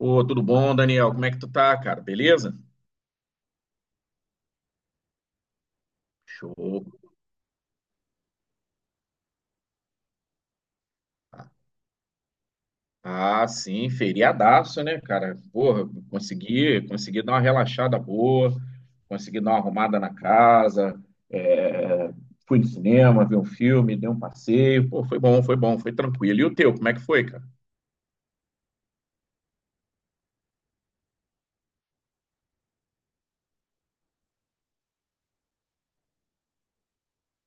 Ô, tudo bom, Daniel? Como é que tu tá, cara? Beleza? Show. Ah, sim, feriadaço, né, cara? Porra, consegui dar uma relaxada boa, consegui dar uma arrumada na casa, é, fui no cinema, vi um filme, dei um passeio. Pô, foi bom, foi bom, foi tranquilo. E o teu, como é que foi, cara?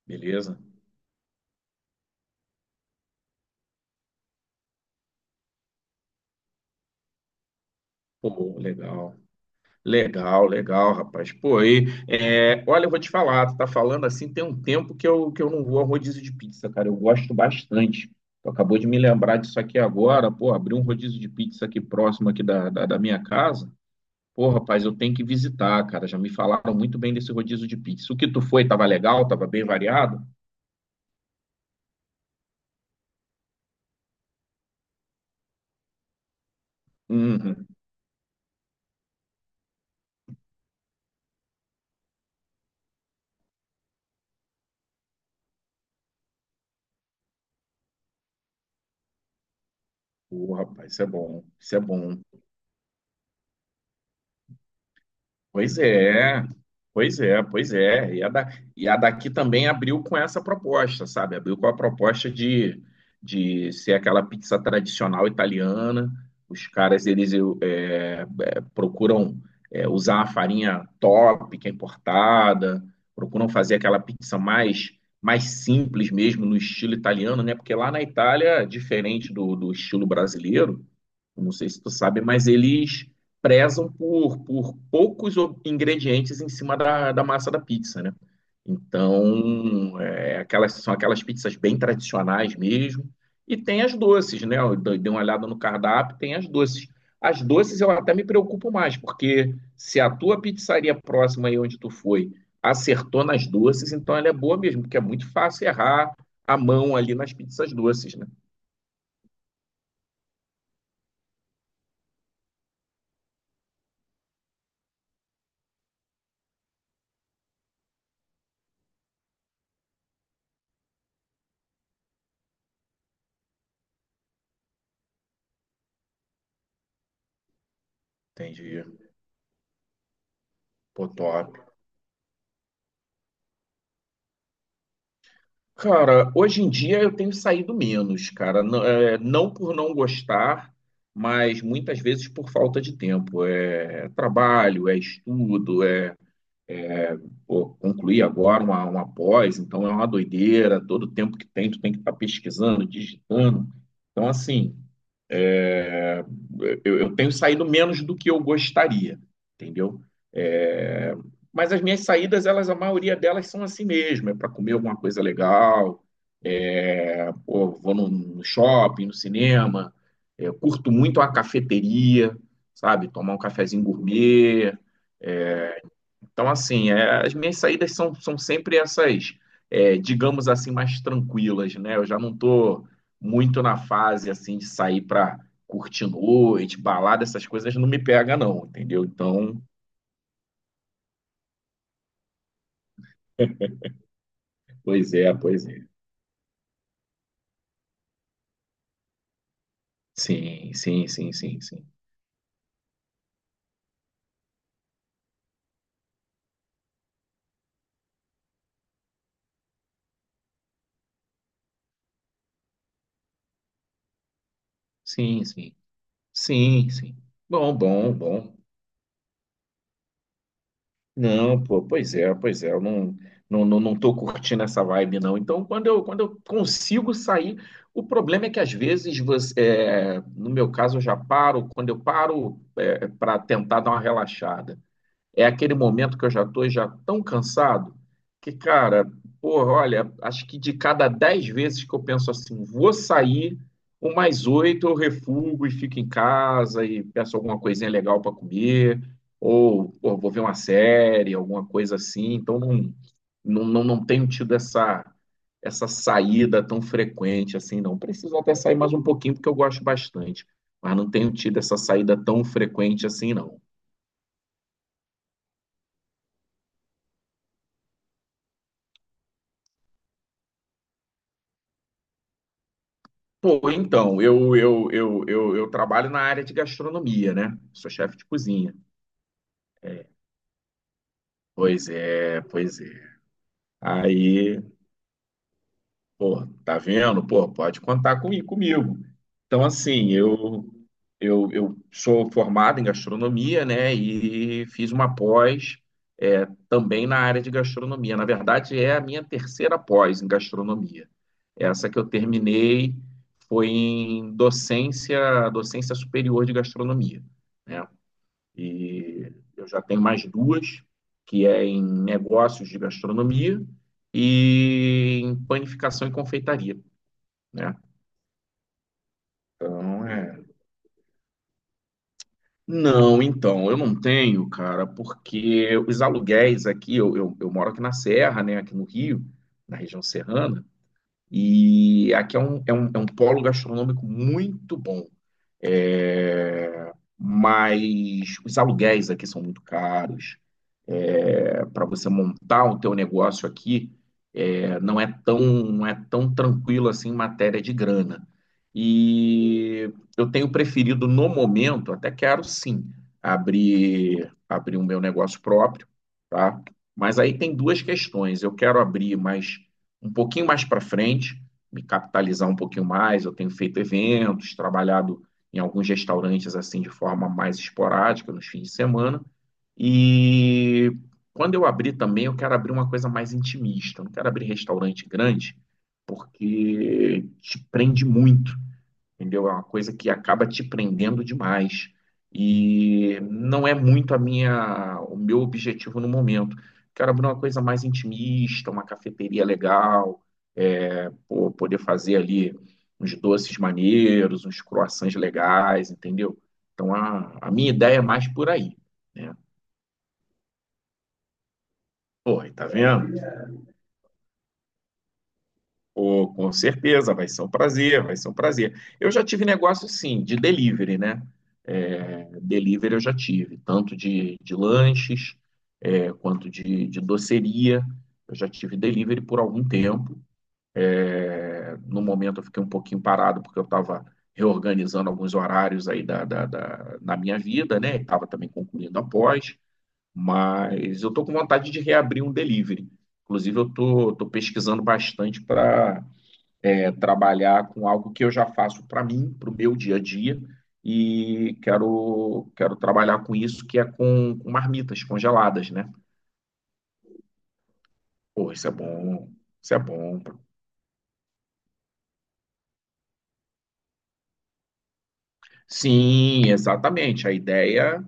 Beleza? Pô, legal. Legal, legal, rapaz. Pô, aí, olha, eu vou te falar, tu tá falando assim, tem um tempo que eu não vou a rodízio de pizza, cara. Eu gosto bastante. Tu acabou de me lembrar disso aqui agora, pô, abri um rodízio de pizza aqui próximo aqui da minha casa. Pô, rapaz, eu tenho que visitar, cara. Já me falaram muito bem desse rodízio de pizza. O que tu foi, tava legal, tava bem variado? Uhum. Pô, rapaz, isso é bom, isso é bom. Pois é, pois é, pois é. E a daqui também abriu com essa proposta, sabe? Abriu com a proposta de ser aquela pizza tradicional italiana. Os caras, eles procuram usar a farinha top, que é importada, procuram fazer aquela pizza mais simples mesmo, no estilo italiano, né? Porque lá na Itália, diferente do estilo brasileiro, eu não sei se tu sabe, mas eles prezam por poucos ingredientes em cima da massa da pizza, né? Então, são aquelas pizzas bem tradicionais mesmo. E tem as doces, né? Eu dei uma olhada no cardápio, tem as doces. As doces eu até me preocupo mais, porque se a tua pizzaria próxima aí onde tu foi acertou nas doces, então ela é boa mesmo, porque é muito fácil errar a mão ali nas pizzas doces, né? Entendi. Pô, top. Cara, hoje em dia eu tenho saído menos, cara. Não, não por não gostar, mas muitas vezes por falta de tempo. É trabalho, é estudo, pô, concluir agora uma pós, então é uma doideira. Todo tempo que tem, tu tem que estar pesquisando, digitando. Então, assim, eu tenho saído menos do que eu gostaria, entendeu? É, mas as minhas saídas, elas, a maioria delas são assim mesmo, é para comer alguma coisa legal. Pô, vou no shopping, no cinema, eu curto muito a cafeteria, sabe? Tomar um cafezinho gourmet. é, Então, assim, as minhas saídas são sempre essas, digamos assim, mais tranquilas, né? Eu já não tô muito na fase, assim, de sair pra curtir noite, balada, essas coisas não me pega, não, entendeu? Então, pois é, pois é. Sim, sim, sim, sim, sim. Sim, sim. Sim, sim. Bom, bom, bom. Não, pô, pois é, eu não, não tô curtindo essa vibe, não. Então, quando eu consigo sair, o problema é que às vezes você, no meu caso, eu já paro, quando eu paro, para tentar dar uma relaxada. É aquele momento que eu já tô já tão cansado que, cara, porra, olha, acho que de cada 10 vezes que eu penso assim, vou sair, umas oito eu refugo e fico em casa e peço alguma coisinha legal para comer, ou pô, vou ver uma série, alguma coisa assim. Então não, não, não tenho tido essa saída tão frequente assim, não. Preciso até sair mais um pouquinho porque eu gosto bastante, mas não tenho tido essa saída tão frequente assim, não. Pô, então, eu trabalho na área de gastronomia, né? Sou chefe de cozinha. Pois é, pois é. Aí, pô, tá vendo? Pô, pode contar comigo. Então, assim, eu sou formado em gastronomia, né? E fiz uma pós também na área de gastronomia. Na verdade, é a minha terceira pós em gastronomia. Essa que eu terminei foi em docência, docência superior de gastronomia, né? E eu já tenho mais duas, que é em negócios de gastronomia e em panificação e confeitaria, né? Então... Não, então, eu não tenho, cara, porque os aluguéis aqui, eu moro aqui na Serra, né, aqui no Rio, na região serrana, e aqui é um polo gastronômico muito bom. É, Mas os aluguéis aqui são muito caros, para você montar o teu negócio aqui, não é tão tranquilo assim em matéria de grana. E eu tenho preferido no momento, até quero sim, abrir o meu negócio próprio, tá? Mas aí tem duas questões. Eu quero abrir mais um pouquinho mais para frente, me capitalizar um pouquinho mais. Eu tenho feito eventos, trabalhado em alguns restaurantes assim de forma mais esporádica nos fins de semana. E quando eu abrir também, eu quero abrir uma coisa mais intimista. Eu não quero abrir restaurante grande, porque te prende muito, entendeu? É uma coisa que acaba te prendendo demais. E não é muito a minha, o meu objetivo no momento. Quero abrir uma coisa mais intimista, uma cafeteria legal, pô, poder fazer ali uns doces maneiros, uns croissants legais, entendeu? Então a minha ideia é mais por aí, né? Oi, tá vendo? Pô, com certeza, vai ser um prazer, vai ser um prazer. Eu já tive negócio, sim, de delivery, né? É, delivery eu já tive, tanto de lanches, quanto de doceria. Eu já tive delivery por algum tempo. É, no momento eu fiquei um pouquinho parado, porque eu estava reorganizando alguns horários aí na minha vida, né? Estava também concluindo a pós. Mas eu tô com vontade de reabrir um delivery. Inclusive, tô pesquisando bastante para trabalhar com algo que eu já faço para mim, para o meu dia a dia, e quero trabalhar com isso, que é com, marmitas congeladas, né? Pô, isso é bom, isso é bom. Sim, exatamente. A ideia,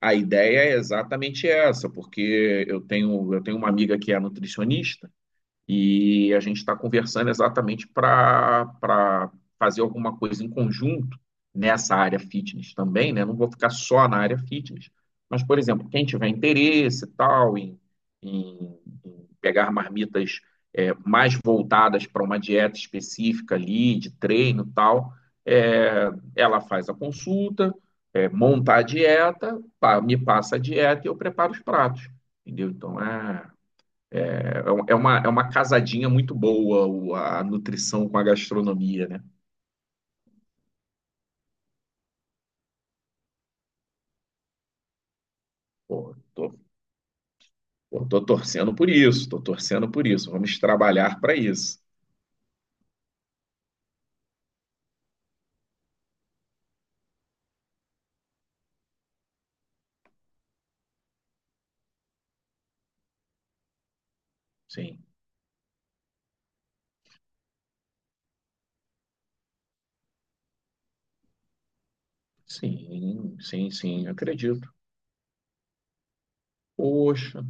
a ideia é exatamente essa, porque eu tenho uma amiga que é nutricionista. E a gente está conversando exatamente para fazer alguma coisa em conjunto nessa área fitness também, né? Não vou ficar só na área fitness, mas, por exemplo, quem tiver interesse e tal em, em, em pegar marmitas mais voltadas para uma dieta específica ali, de treino e tal, é, ela faz a consulta, monta a dieta, me passa a dieta e eu preparo os pratos, entendeu? Então, é uma casadinha muito boa a nutrição com a gastronomia, né? Pô, tô, pô, tô torcendo por isso, tô torcendo por isso. Vamos trabalhar para isso. Sim, sim, sim, sim, eu acredito. Poxa,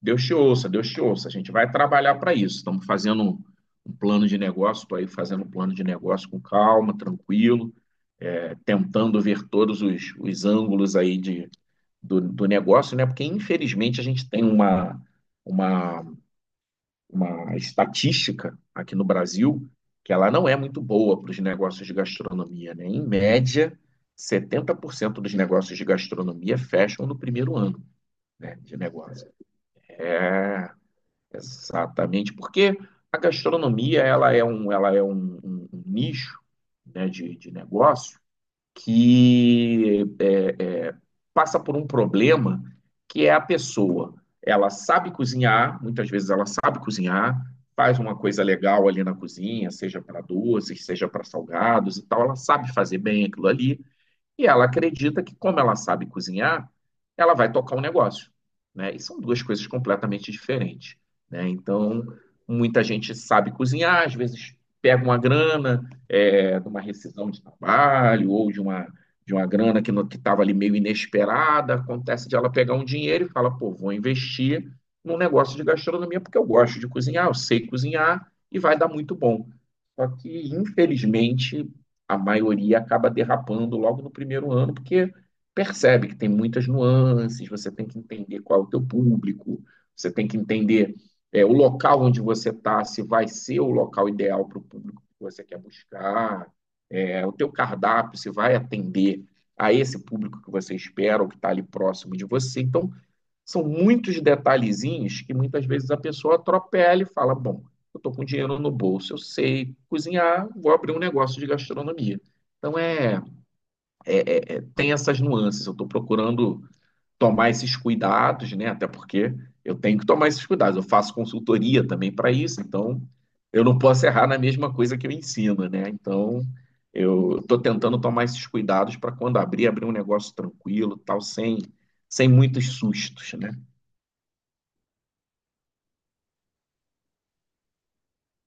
Deus te ouça, Deus te ouça. A gente vai trabalhar para isso. Estamos fazendo um, plano de negócio, estou aí fazendo um plano de negócio com calma, tranquilo, tentando ver todos os ângulos aí do negócio, né? Porque infelizmente a gente tem uma uma uma estatística aqui no Brasil que ela não é muito boa para os negócios de gastronomia, né? Em média, 70% dos negócios de gastronomia fecham no primeiro ano, né, de negócio. É, exatamente, porque a gastronomia ela é um nicho, né, de negócio que é, passa por um problema que é a pessoa. Ela sabe cozinhar, muitas vezes ela sabe cozinhar, faz uma coisa legal ali na cozinha, seja para doces, seja para salgados e tal, ela sabe fazer bem aquilo ali, e ela acredita que, como ela sabe cozinhar, ela vai tocar um negócio, né? E são duas coisas completamente diferentes, né? Então, muita gente sabe cozinhar, às vezes pega uma grana de uma rescisão de trabalho ou de uma grana que estava ali meio inesperada. Acontece de ela pegar um dinheiro e fala, pô, vou investir num negócio de gastronomia porque eu gosto de cozinhar, eu sei cozinhar e vai dar muito bom. Só que, infelizmente, a maioria acaba derrapando logo no primeiro ano, porque percebe que tem muitas nuances, você tem que entender qual é o teu público, você tem que entender o local onde você está, se vai ser o local ideal para o público que você quer buscar, o teu cardápio, se vai atender a esse público que você espera ou que está ali próximo de você. Então, são muitos detalhezinhos que muitas vezes a pessoa atropela e fala: Bom, eu estou com dinheiro no bolso, eu sei cozinhar, vou abrir um negócio de gastronomia. Então tem essas nuances. Eu estou procurando tomar esses cuidados, né? Até porque eu tenho que tomar esses cuidados. Eu faço consultoria também para isso, então eu não posso errar na mesma coisa que eu ensino, né? Então eu estou tentando tomar esses cuidados para quando abrir, abrir um negócio tranquilo, tal, sem muitos sustos, né?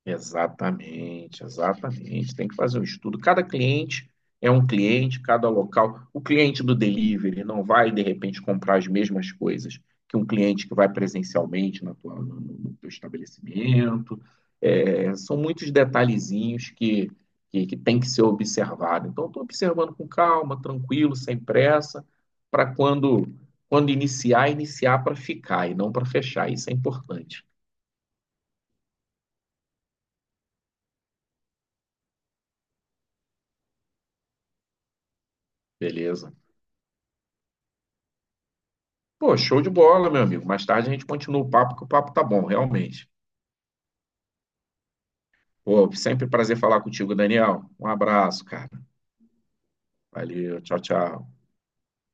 Exatamente, exatamente. Tem que fazer um estudo. Cada cliente é um cliente, cada local. O cliente do delivery não vai, de repente, comprar as mesmas coisas que um cliente que vai presencialmente na tua, no, no teu estabelecimento. É, são muitos detalhezinhos que, que tem que ser observado. Então, estou observando com calma, tranquilo, sem pressa, para quando iniciar, iniciar para ficar e não para fechar. Isso é importante. Beleza? Pô, show de bola, meu amigo. Mais tarde a gente continua o papo, que o papo tá bom, realmente. Pô, sempre um prazer falar contigo, Daniel. Um abraço, cara. Valeu, tchau, tchau.